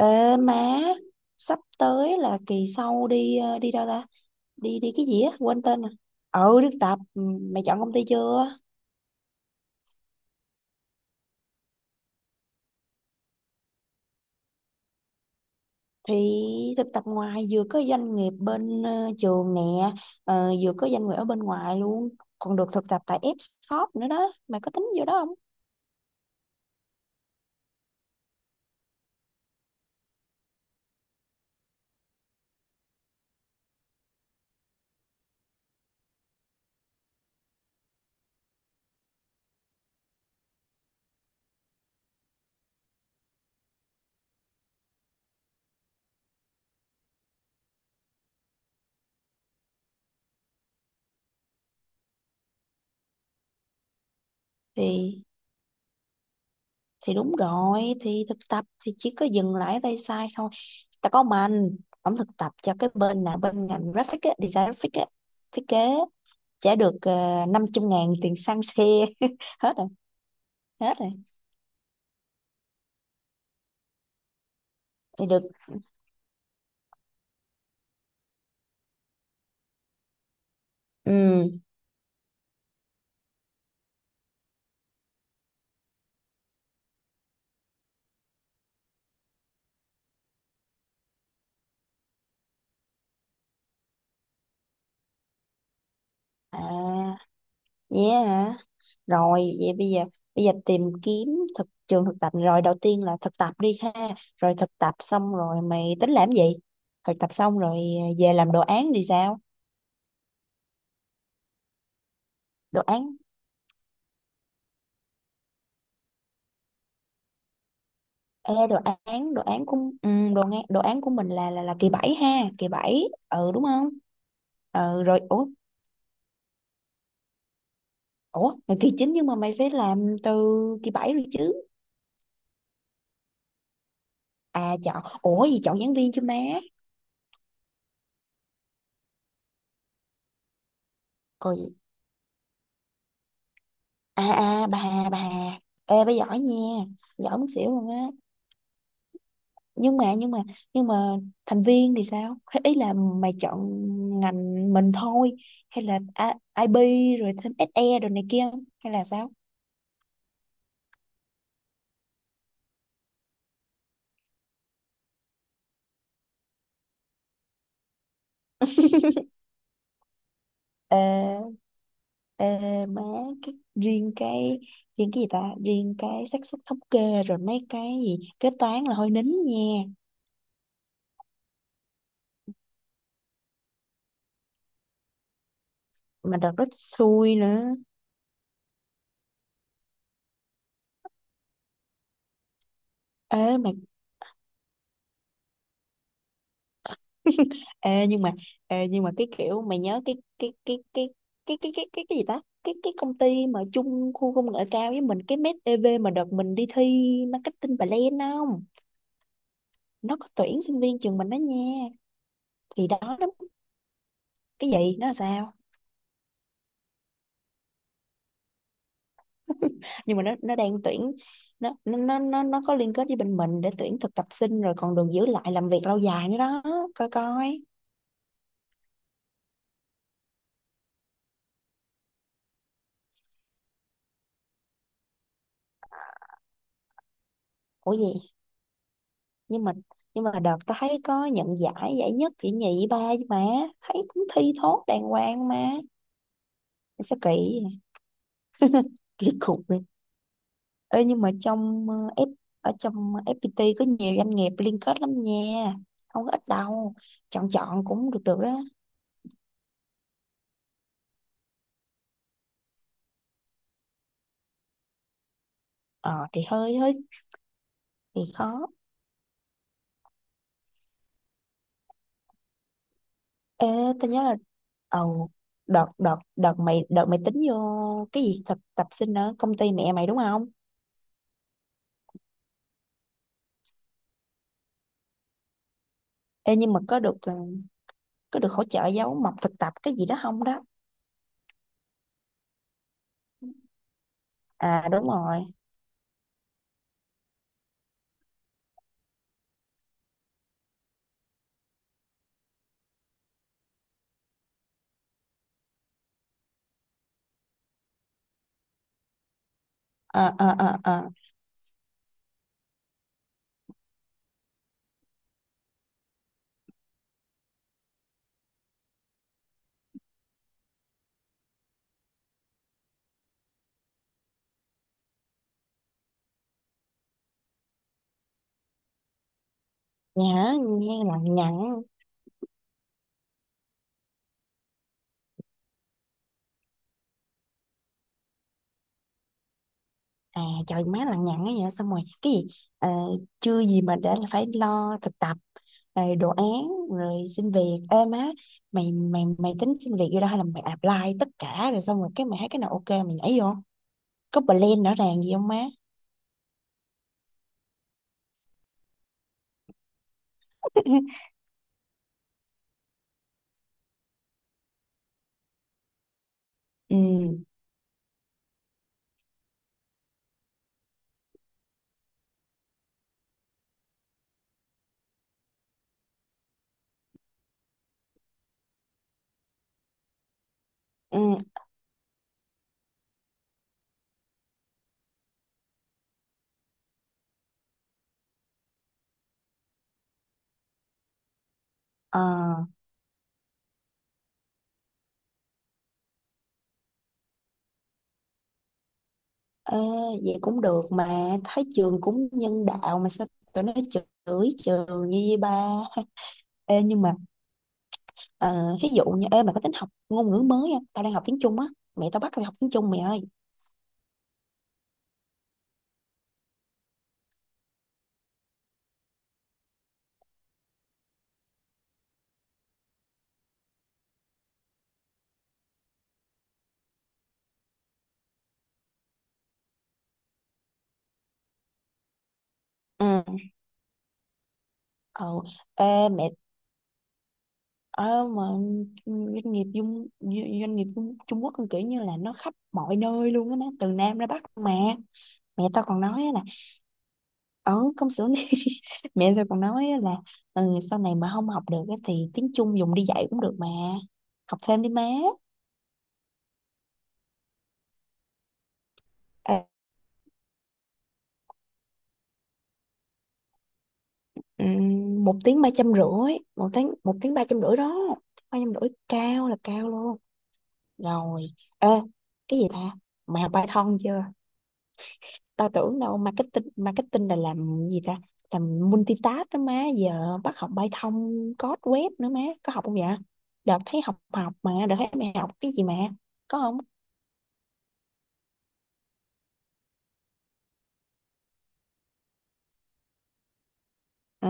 Ê má, sắp tới là kỳ sau đi đi đâu ta? Đi đi cái gì á, quên tên rồi. Ừ, đi thực tập. Ừ, mày chọn công ty chưa? Thì thực tập ngoài vừa có doanh nghiệp bên trường nè, ờ, vừa có doanh nghiệp ở bên ngoài luôn, còn được thực tập tại F-shop nữa đó. Mày có tính vô đó không? Thì thì đúng rồi, thì thực tập thì chỉ có dừng lại ở tay sai thôi. Tao có ông anh, ông thực tập cho cái bên là bên ngành graphic á, design graphic á, thiết kế trả được 500 ngàn tiền xăng xe hết rồi, hết rồi, thì được. Ừ, à, yeah hả? Rồi vậy bây giờ, bây giờ tìm kiếm thực trường thực tập rồi, đầu tiên là thực tập đi ha. Rồi thực tập xong rồi mày tính làm gì? Thực tập xong rồi về làm đồ án thì sao? Đồ án. Ê đồ án, đồ án của, ừ, đồ án, đồ án của mình là là kỳ 7 ha, kỳ bảy, ừ đúng không? Ừ rồi, ủa, ủa là kỳ 9 nhưng mà mày phải làm từ kỳ 7 rồi chứ. À chọn, ủa gì, chọn giảng viên chứ má. Còn gì? À à, bà Hà, bà Hà. Ê bà giỏi nha, giỏi muốn xỉu luôn á. Nhưng mà nhưng mà nhưng mà thành viên thì sao? Hay ý là mày chọn ngành mình thôi, hay là I- IB rồi thêm SE rồi này kia không? Hay là sao? Ờ, ờ, má, cái riêng cái riêng cái gì ta, riêng cái xác suất thống kê rồi mấy cái gì kế toán là hơi nín nha. Mà đợt đó xui nữa. Ê mà Ê, nhưng mà, ê, nhưng mà cái kiểu mày nhớ cái gì ta, cái công ty mà chung khu công nghệ cao với mình, cái Med EV mà đợt mình đi thi marketing bà Lên không? Nó có tuyển sinh viên trường mình đó nha. Thì đó đó. Cái gì nó là sao? Nhưng mà nó đang tuyển, nó có liên kết với bên mình để tuyển thực tập sinh rồi còn được giữ lại làm việc lâu dài nữa đó. Coi coi. Ủa gì, nhưng mà nhưng mà đợt tao thấy có nhận giải, giải nhất giải nhì ba chứ mà, thấy cũng thi thốt đàng hoàng mà. Sao kỳ vậy? Kỳ cục vậy. Ê nhưng mà trong F, ở trong FPT có nhiều doanh nghiệp liên kết lắm nha, không có ít đâu. Chọn chọn cũng được được đó. Ờ thì hơi hơi thì khó. Ê tao nhớ là, ồ, đợt đợt đợt mày tính vô cái gì thực tập sinh ở công ty mẹ mày đúng không? Ê nhưng mà có được có được hỗ trợ giáo mộc thực tập cái gì đó không đó? À đúng rồi. ờ ờ ờ ờ Nhớ nghe lằng nhằng. À trời má lằng nhằng ấy, vậy xong rồi cái gì? Ờ, chưa gì mà đã là phải lo thực tập rồi đồ án rồi xin việc, ê má. Mày mày mày tính xin việc vô đó hay là mày apply tất cả rồi xong rồi cái mày thấy cái nào ok mày nhảy vô? Có plan rõ ràng gì không má? Ừ, ừ, ờ. Ê, vậy cũng được mà, thấy trường cũng nhân đạo mà sao tụi nó chửi trường như vậy ba. Ê, nhưng mà, ờ, ví dụ như, ê mày có tính học ngôn ngữ mới không? Tao đang học tiếng Trung á, mẹ tao bắt tao học tiếng Trung mày ơi. Ừ, ờ, ê mẹ, ờ, mà doanh nghiệp dung, doanh doanh nghiệp Trung Trung Quốc cũng kiểu như là nó khắp mọi nơi luôn á, nó từ Nam ra Bắc mà. Mẹ tao còn nói á là, ở công xưởng này mẹ tao còn nói á là, ừ, sau này mà không học được á thì tiếng Trung dùng đi dạy cũng được mà. Học thêm đi má. À, một tiếng ba trăm rưỡi, một tiếng, một tiếng ba trăm rưỡi đó. Ba trăm rưỡi cao là cao luôn. Rồi, ê, cái gì ta? Mày học Python chưa? Tao tưởng đâu marketing, marketing là làm gì ta? Làm multitask đó má, giờ bắt học Python code web nữa má, có học không vậy? Đợt thấy học học mà, đợt thấy mày học cái gì mà, có không? Ừ,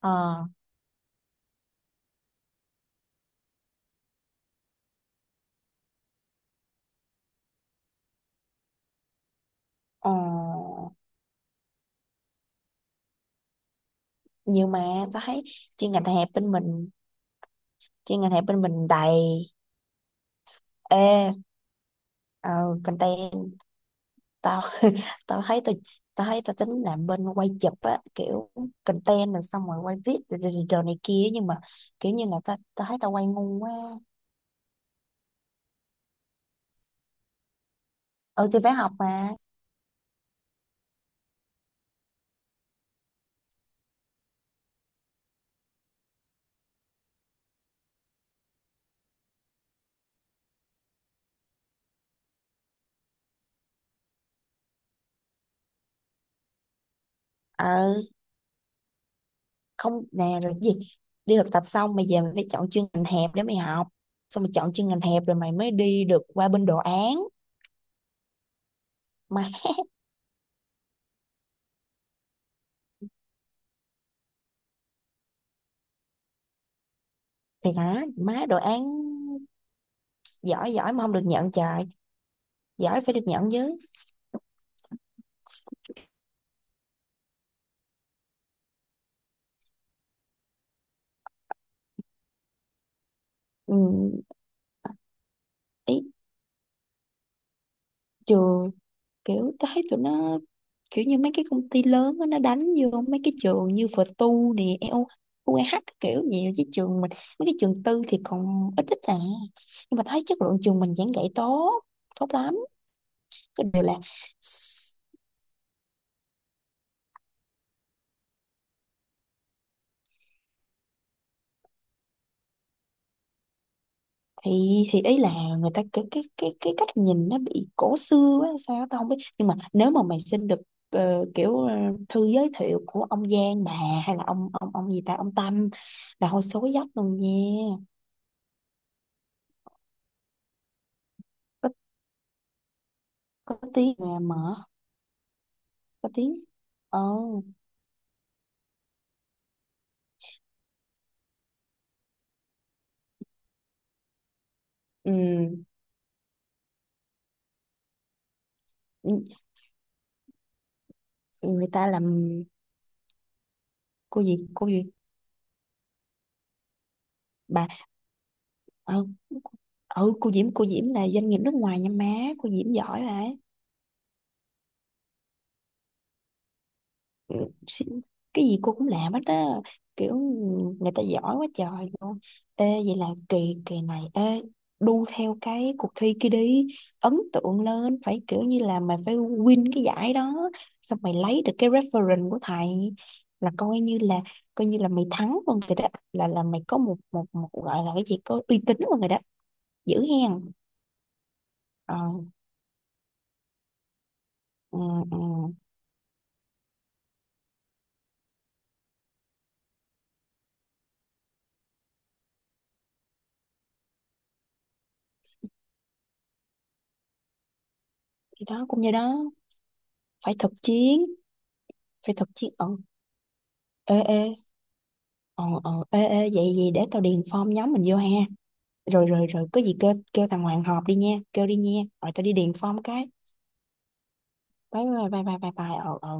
ờ, ờ, nhiều mà, tao thấy chuyên ngành hẹp bên mình, chuyên ngành hẹp bên mình đầy, ê, ờ, content, tao tao thấy tao tao thấy tao tính làm bên quay chụp á, kiểu content rồi xong rồi quay viết rồi, rồi, rồi này kia, nhưng mà kiểu như là tao tao thấy tao quay ngu quá. Ừ thì phải học mà. Ờ, không nè, rồi cái gì, đi thực tập xong mày về mày phải chọn chuyên ngành hẹp để mày học, xong mày chọn chuyên ngành hẹp rồi mày mới đi được qua bên đồ án. Má thì hả má, đồ án. Giỏi giỏi mà không được nhận trời, giỏi phải được nhận chứ. Ừ, ý, trường, kiểu tôi thấy tụi nó, kiểu như mấy cái công ty lớn á, nó đánh vô mấy cái trường như VTU nè, EO, UEH các kiểu nhiều, chứ trường mình mấy cái trường tư thì còn ít ít à. Nhưng mà thấy chất lượng trường mình giảng dạy tốt, tốt lắm. Cái điều là, s-, thì thì ý là, người ta cái cách nhìn nó bị cổ xưa á hay sao á, tao không biết. Nhưng mà nếu mà mày xin được kiểu thư giới thiệu của ông Giang, bà, hay là ông gì ta, ông Tâm, là hồi số dốc luôn nha. Có tiếng mà mở, có tiếng, ồ. Ừ. Ừ, người ta làm, cô gì cô gì, bà, ừ, ừ cô Diễm, cô Diễm là doanh nghiệp nước ngoài nha má. Cô Diễm giỏi mà. Xí-, cái gì cô cũng làm hết á, kiểu người ta giỏi quá trời luôn. Ê vậy là kỳ kỳ này, ê đu theo cái cuộc thi kia đi, ấn tượng lên, phải kiểu như là mày phải win cái giải đó, xong mày lấy được cái reference của thầy là coi như là, coi như là mày thắng luôn rồi đó, là mày có một một một gọi là cái gì, có uy tín luôn rồi đó. Giữ hen. Ờ, ừ, ừ. Thì đó cũng như đó, phải thực chiến, phải thực chiến, ừ. Ê ê, ờ ờ, ê ê, vậy vậy để tao điền form nhóm mình vô ha. Rồi rồi rồi, có gì kêu kêu thằng Hoàng họp đi nha, kêu đi nha, rồi tao đi điền form cái. Bye bye bye bye bye bye, ờ ờ.